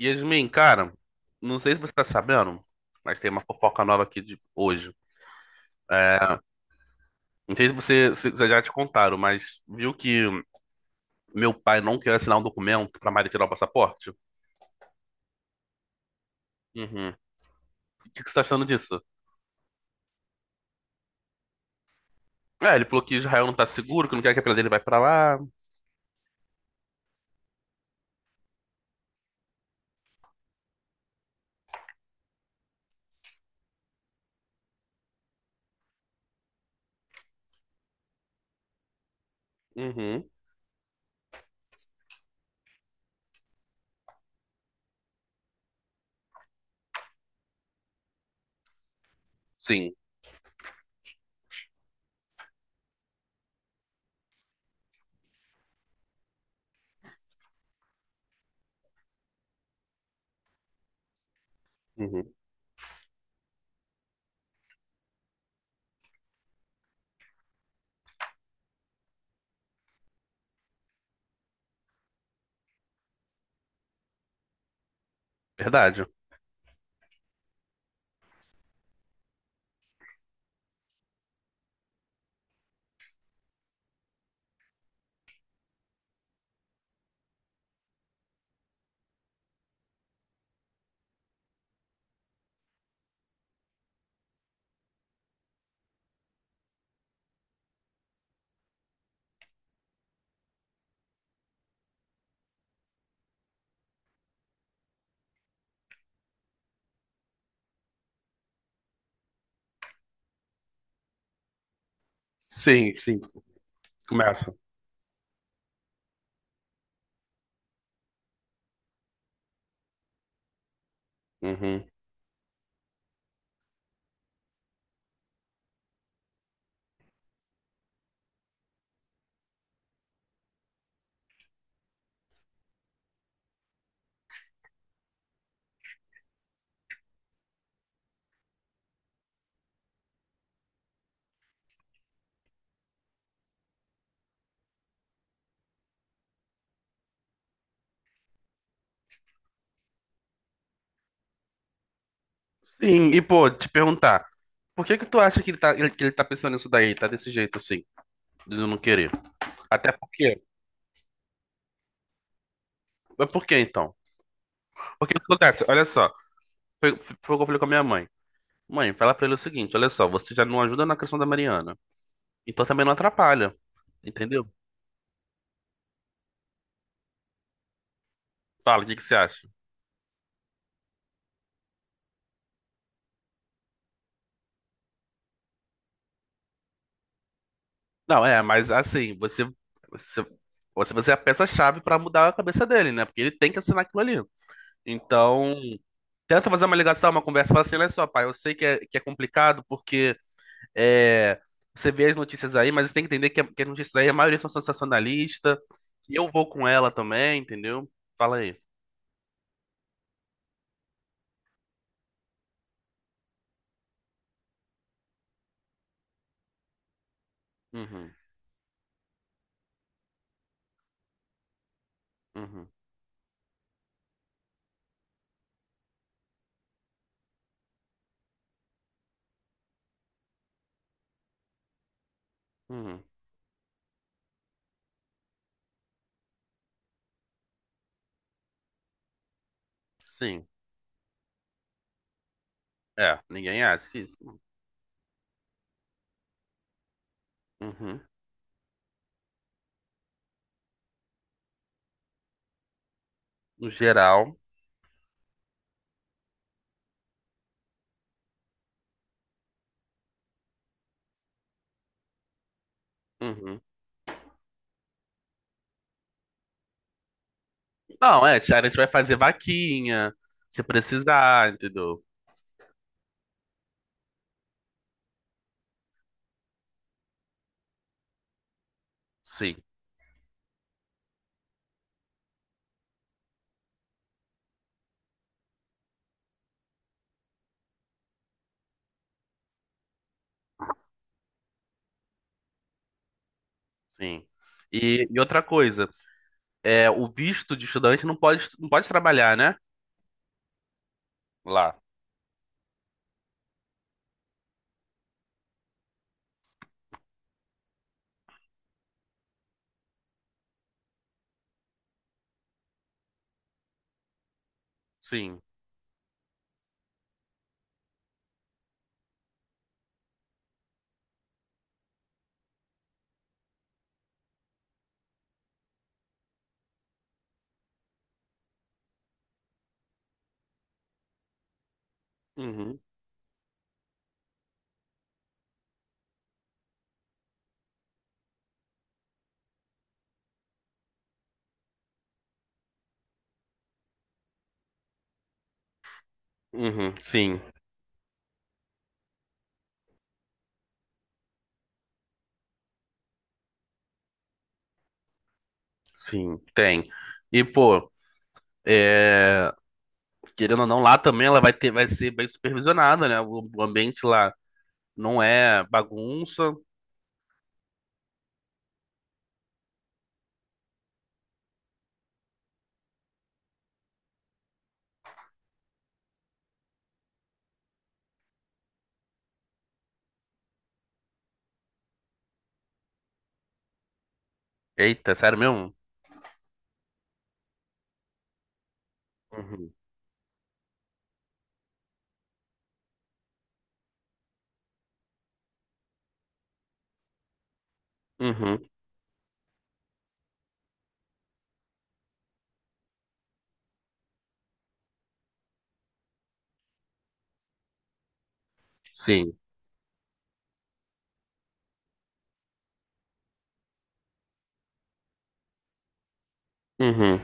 Yasmin, cara, não sei se você tá sabendo, mas tem uma fofoca nova aqui de hoje. É, não sei se você se já te contaram, mas viu que meu pai não quer assinar um documento pra Mari tirar o passaporte? Uhum. O que que você tá achando disso? É, ele falou que Israel não tá seguro, que não quer que a filha dele vai pra lá. Uhum. Sim. Uhum. Verdade. Sim, sim. Começa. Uhum. Sim, e pô, te perguntar, por que que tu acha que que ele tá pensando nisso daí, tá desse jeito assim, de não querer? Até porque mas por que então? Porque o que acontece? Olha só, foi o que eu falei com a minha mãe. Mãe, fala pra ele o seguinte: olha só, você já não ajuda na questão da Mariana, então também não atrapalha, entendeu? Fala, o que que você acha? Não, é, mas assim, você, você é a peça-chave pra mudar a cabeça dele, né? Porque ele tem que assinar aquilo ali. Então, tenta fazer uma ligação, uma conversa, fala assim: olha só, pai, eu sei que é complicado porque. É, você vê as notícias aí, mas você tem que entender que as notícias aí, a maioria são sensacionalista. E eu vou com ela também, entendeu? Fala aí. Uhum, uhum, uhum. Sim. É, ninguém acha que isso. Uhum. No geral. Uhum. Não, é, a gente vai fazer vaquinha, se precisar, entendeu? Sim, sim. E outra coisa, é, o visto de estudante não pode, não pode trabalhar, né? Lá. Sim. Uhum, uhum, sim, sim, tem. E, pô, é, querendo ou não, lá também ela vai ser bem supervisionada, né? O ambiente lá não é bagunça. Eita, sério mesmo? Uhum. Uhum. Sim. Uhum.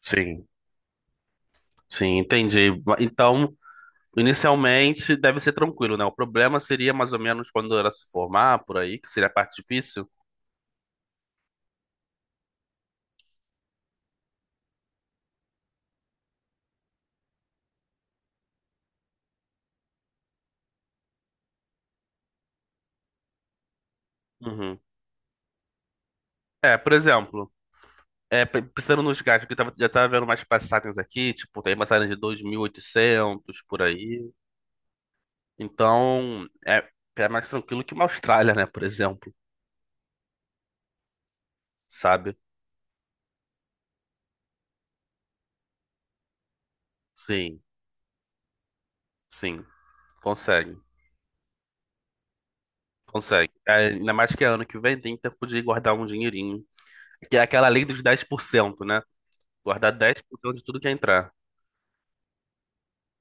Sim. Sim, entendi. Então, inicialmente deve ser tranquilo, né? O problema seria mais ou menos quando ela se formar por aí, que seria a parte difícil. Uhum. É, por exemplo, é, pensando nos gastos, que já estava vendo umas passagens aqui, tipo, tem passagem de 2.800 por aí. Então, é mais tranquilo que uma Austrália, né, por exemplo, sabe? Sim, sim, consegue, consegue. É, ainda mais que é ano que vem tem tempo de guardar um dinheirinho, que é aquela lei dos 10%, né? Guardar 10% de tudo que entrar.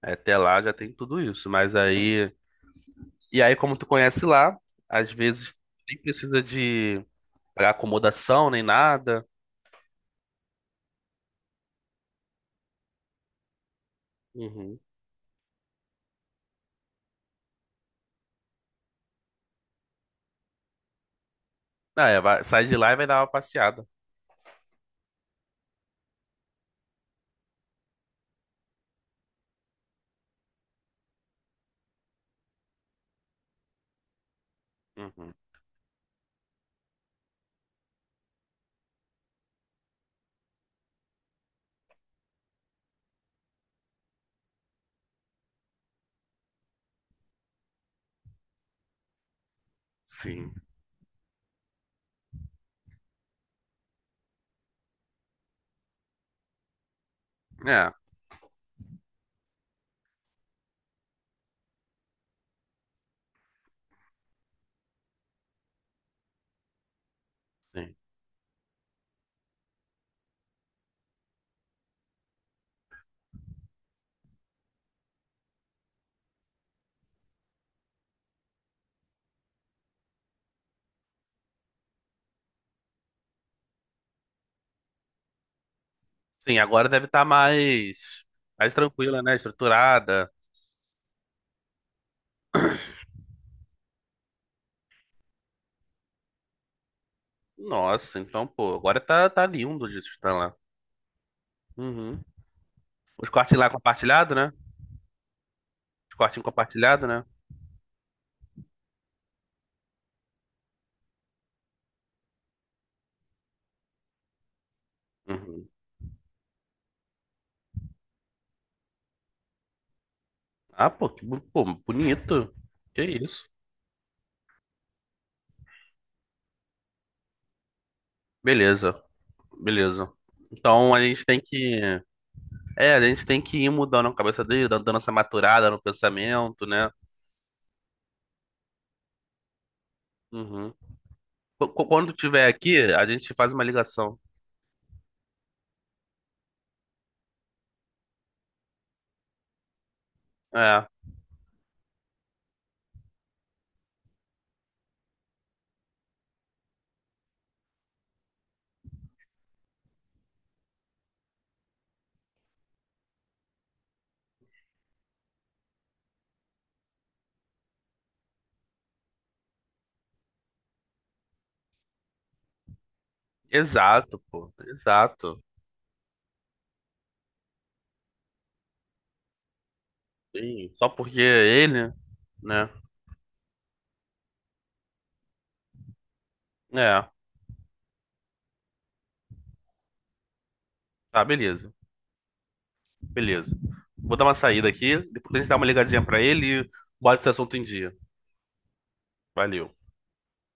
É, até lá já tem tudo isso, mas aí. E aí, como tu conhece lá, às vezes nem precisa de pagar acomodação nem nada. Uhum. Ah, é, sai de lá e vai dar uma passeada. Uhum. Sim. É, sim. Sim, agora deve estar mais tranquila, né? Estruturada. Nossa, então, pô, agora tá lindo de estar lá. Uhum. Os cortes lá compartilhado, né? Os cortinhos compartilhado, né? Uhum. Ah, pô, pô, bonito. Que isso. Beleza, beleza. Então a gente tem que. É, a gente tem que ir mudando a cabeça dele, dando essa maturada no pensamento, né? Uhum. Quando tiver aqui, a gente faz uma ligação. É, exato, pô, exato. Sim, só porque ele, né? É, tá, beleza, beleza. Vou dar uma saída aqui, depois a gente dá uma ligadinha pra ele e bota esse assunto em dia. Valeu.